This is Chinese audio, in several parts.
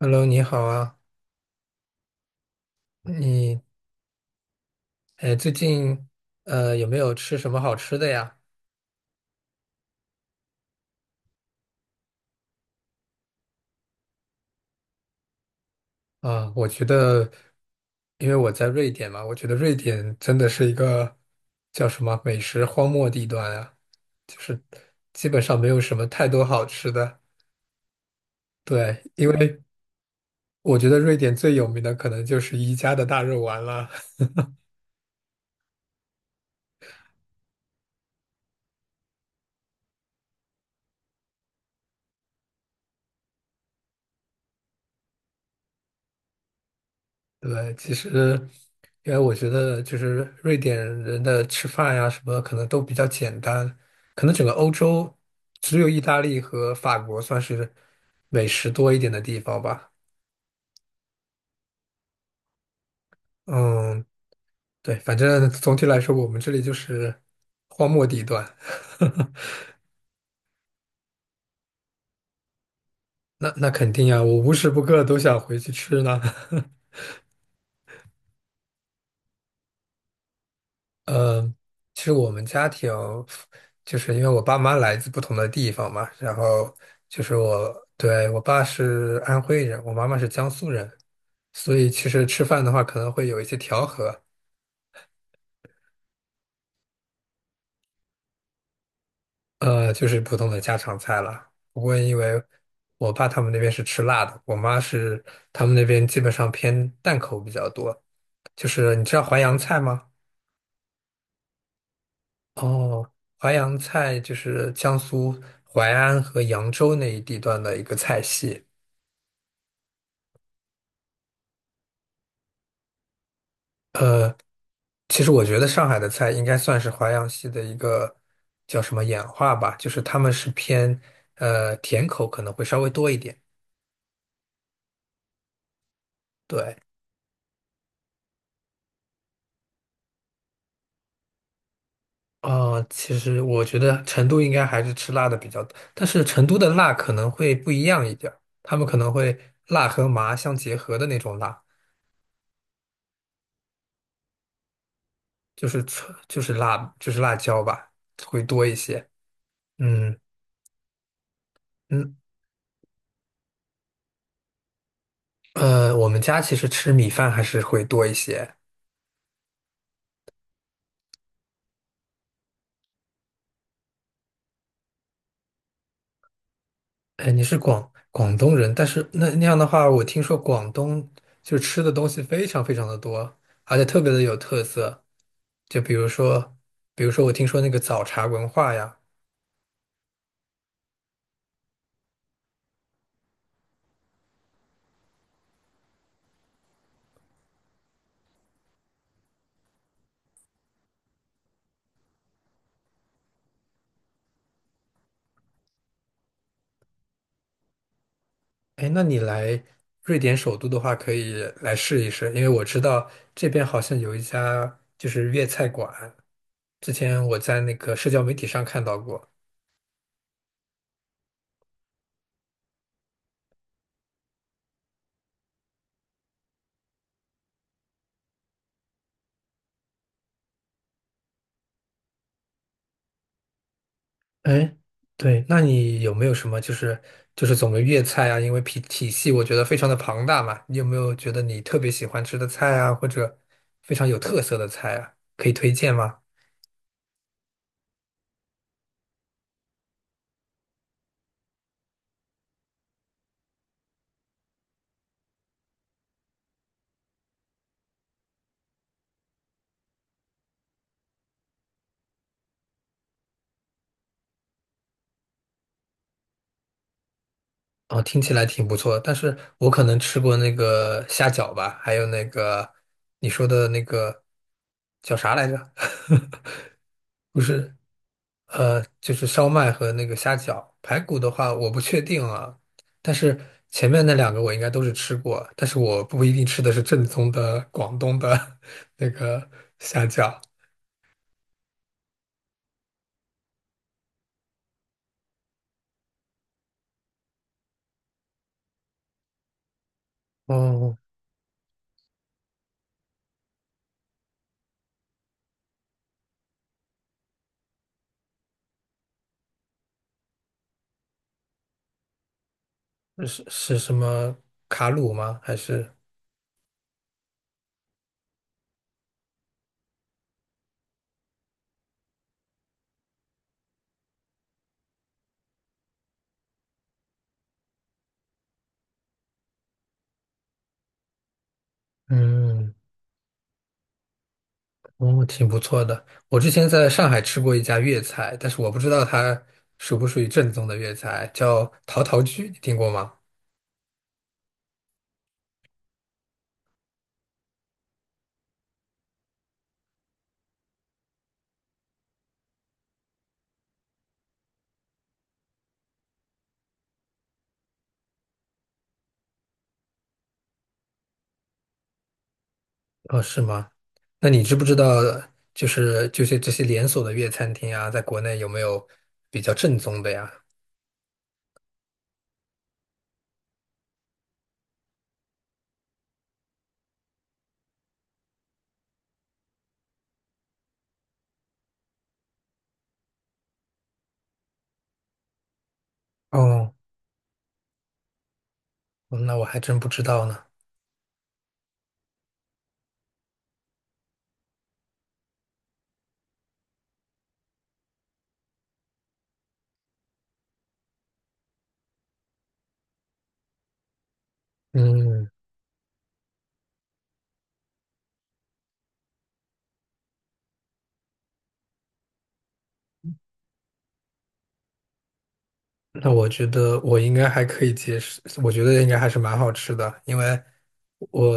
Hello，你好啊，你哎，最近有没有吃什么好吃的呀？啊，我觉得，因为我在瑞典嘛，我觉得瑞典真的是一个叫什么美食荒漠地段啊，就是基本上没有什么太多好吃的。对，因为我觉得瑞典最有名的可能就是宜家的大肉丸了。对，其实因为我觉得就是瑞典人的吃饭呀什么可能都比较简单，可能整个欧洲只有意大利和法国算是美食多一点的地方吧。嗯，对，反正总体来说我们这里就是荒漠地段。那肯定呀，我无时不刻都想回去吃呢。嗯，其实我们家庭就是因为我爸妈来自不同的地方嘛，然后就是对，我爸是安徽人，我妈妈是江苏人，所以其实吃饭的话可能会有一些调和。就是普通的家常菜了。不过因为我爸他们那边是吃辣的，我妈是他们那边基本上偏淡口比较多。就是你知道淮扬菜吗？哦，淮扬菜就是江苏淮安和扬州那一地段的一个菜系。其实我觉得上海的菜应该算是淮扬系的一个叫什么演化吧，就是他们是偏甜口可能会稍微多一点。对，啊，其实我觉得成都应该还是吃辣的比较多，但是成都的辣可能会不一样一点儿，他们可能会辣和麻相结合的那种辣，就是纯就是辣就是辣椒吧，会多一些。嗯。嗯。我们家其实吃米饭还是会多一些。哎，你是广东人，但是那样的话，我听说广东就吃的东西非常非常的多，而且特别的有特色。就比如说，我听说那个早茶文化呀。哎，那你来瑞典首都的话，可以来试一试，因为我知道这边好像有一家就是粤菜馆，之前我在那个社交媒体上看到过。哎，对，那你有没有什么就是总的粤菜啊？因为体系我觉得非常的庞大嘛，你有没有觉得你特别喜欢吃的菜啊，或者非常有特色的菜啊，可以推荐吗？哦，听起来挺不错，但是我可能吃过那个虾饺吧，还有那个你说的那个叫啥来着？不是。就是烧麦和那个虾饺。排骨的话，我不确定啊，但是前面那两个我应该都是吃过，但是我不一定吃的是正宗的广东的 那个虾饺。哦，是什么卡鲁吗？还是嗯，哦，挺不错的。我之前在上海吃过一家粤菜，但是我不知道它属不属于正宗的粤菜，叫陶陶居，你听过吗？哦，是吗？那你知不知道，就是这些连锁的粤餐厅啊，在国内有没有比较正宗的呀？哦，那我还真不知道呢。嗯，那我觉得我应该还可以接受，我觉得应该还是蛮好吃的，因为我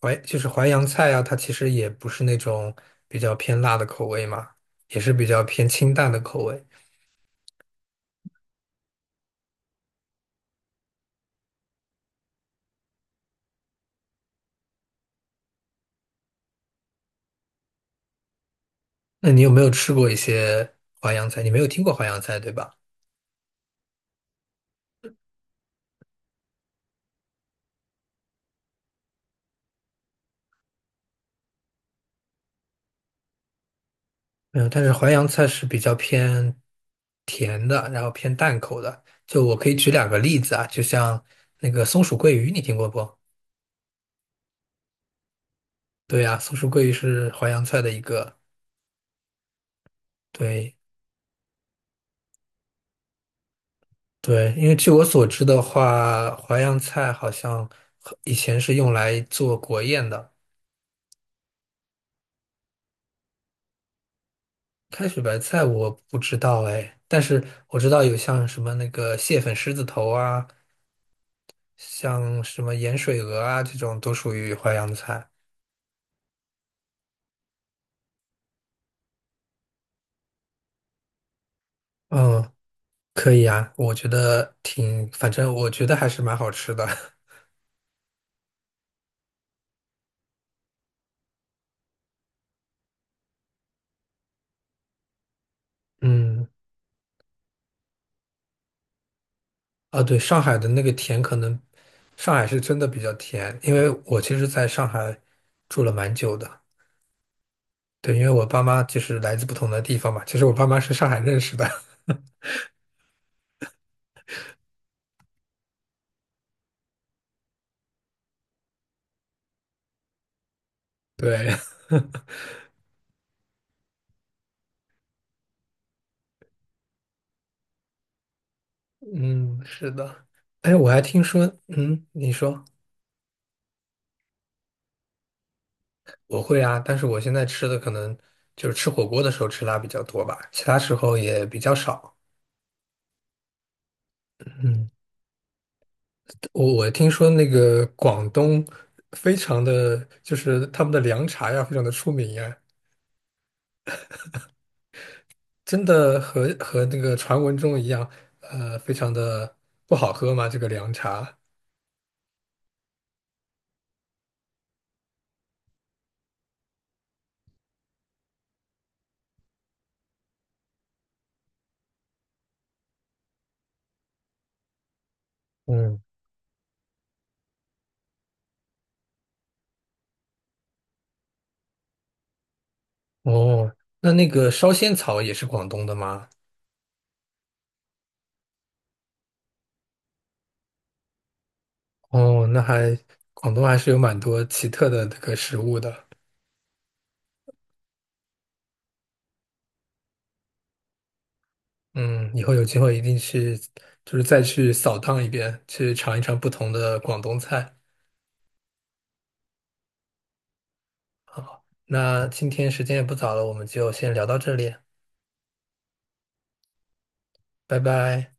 就是淮扬菜啊，它其实也不是那种比较偏辣的口味嘛，也是比较偏清淡的口味。那你有没有吃过一些淮扬菜？你没有听过淮扬菜，对吧？没有，但是淮扬菜是比较偏甜的，然后偏淡口的。就我可以举两个例子啊，就像那个松鼠桂鱼，你听过不？对呀，松鼠桂鱼是淮扬菜的一个。对。对，因为据我所知的话，淮扬菜好像和以前是用来做国宴的。开水白菜我不知道哎，但是我知道有像什么那个蟹粉狮子头啊，像什么盐水鹅啊，这种都属于淮扬菜。嗯。可以啊，我觉得挺，反正我觉得还是蛮好吃的。嗯，啊，对，上海的那个甜可能，上海是真的比较甜，因为我其实在上海住了蛮久的。对，因为我爸妈就是来自不同的地方嘛，其实我爸妈是上海认识的。对，嗯，是的。哎，我还听说，嗯，你说。我会啊，但是我现在吃的可能就是吃火锅的时候吃辣比较多吧，其他时候也比较少。嗯。我听说那个广东非常的，就是他们的凉茶呀，非常的出名呀，真的和那个传闻中一样，非常的不好喝吗？这个凉茶？嗯。哦，那那个烧仙草也是广东的吗？哦，那广东还是有蛮多奇特的这个食物的。嗯，以后有机会一定去，就是再去扫荡一遍，去尝一尝不同的广东菜。好，那今天时间也不早了，我们就先聊到这里。拜拜。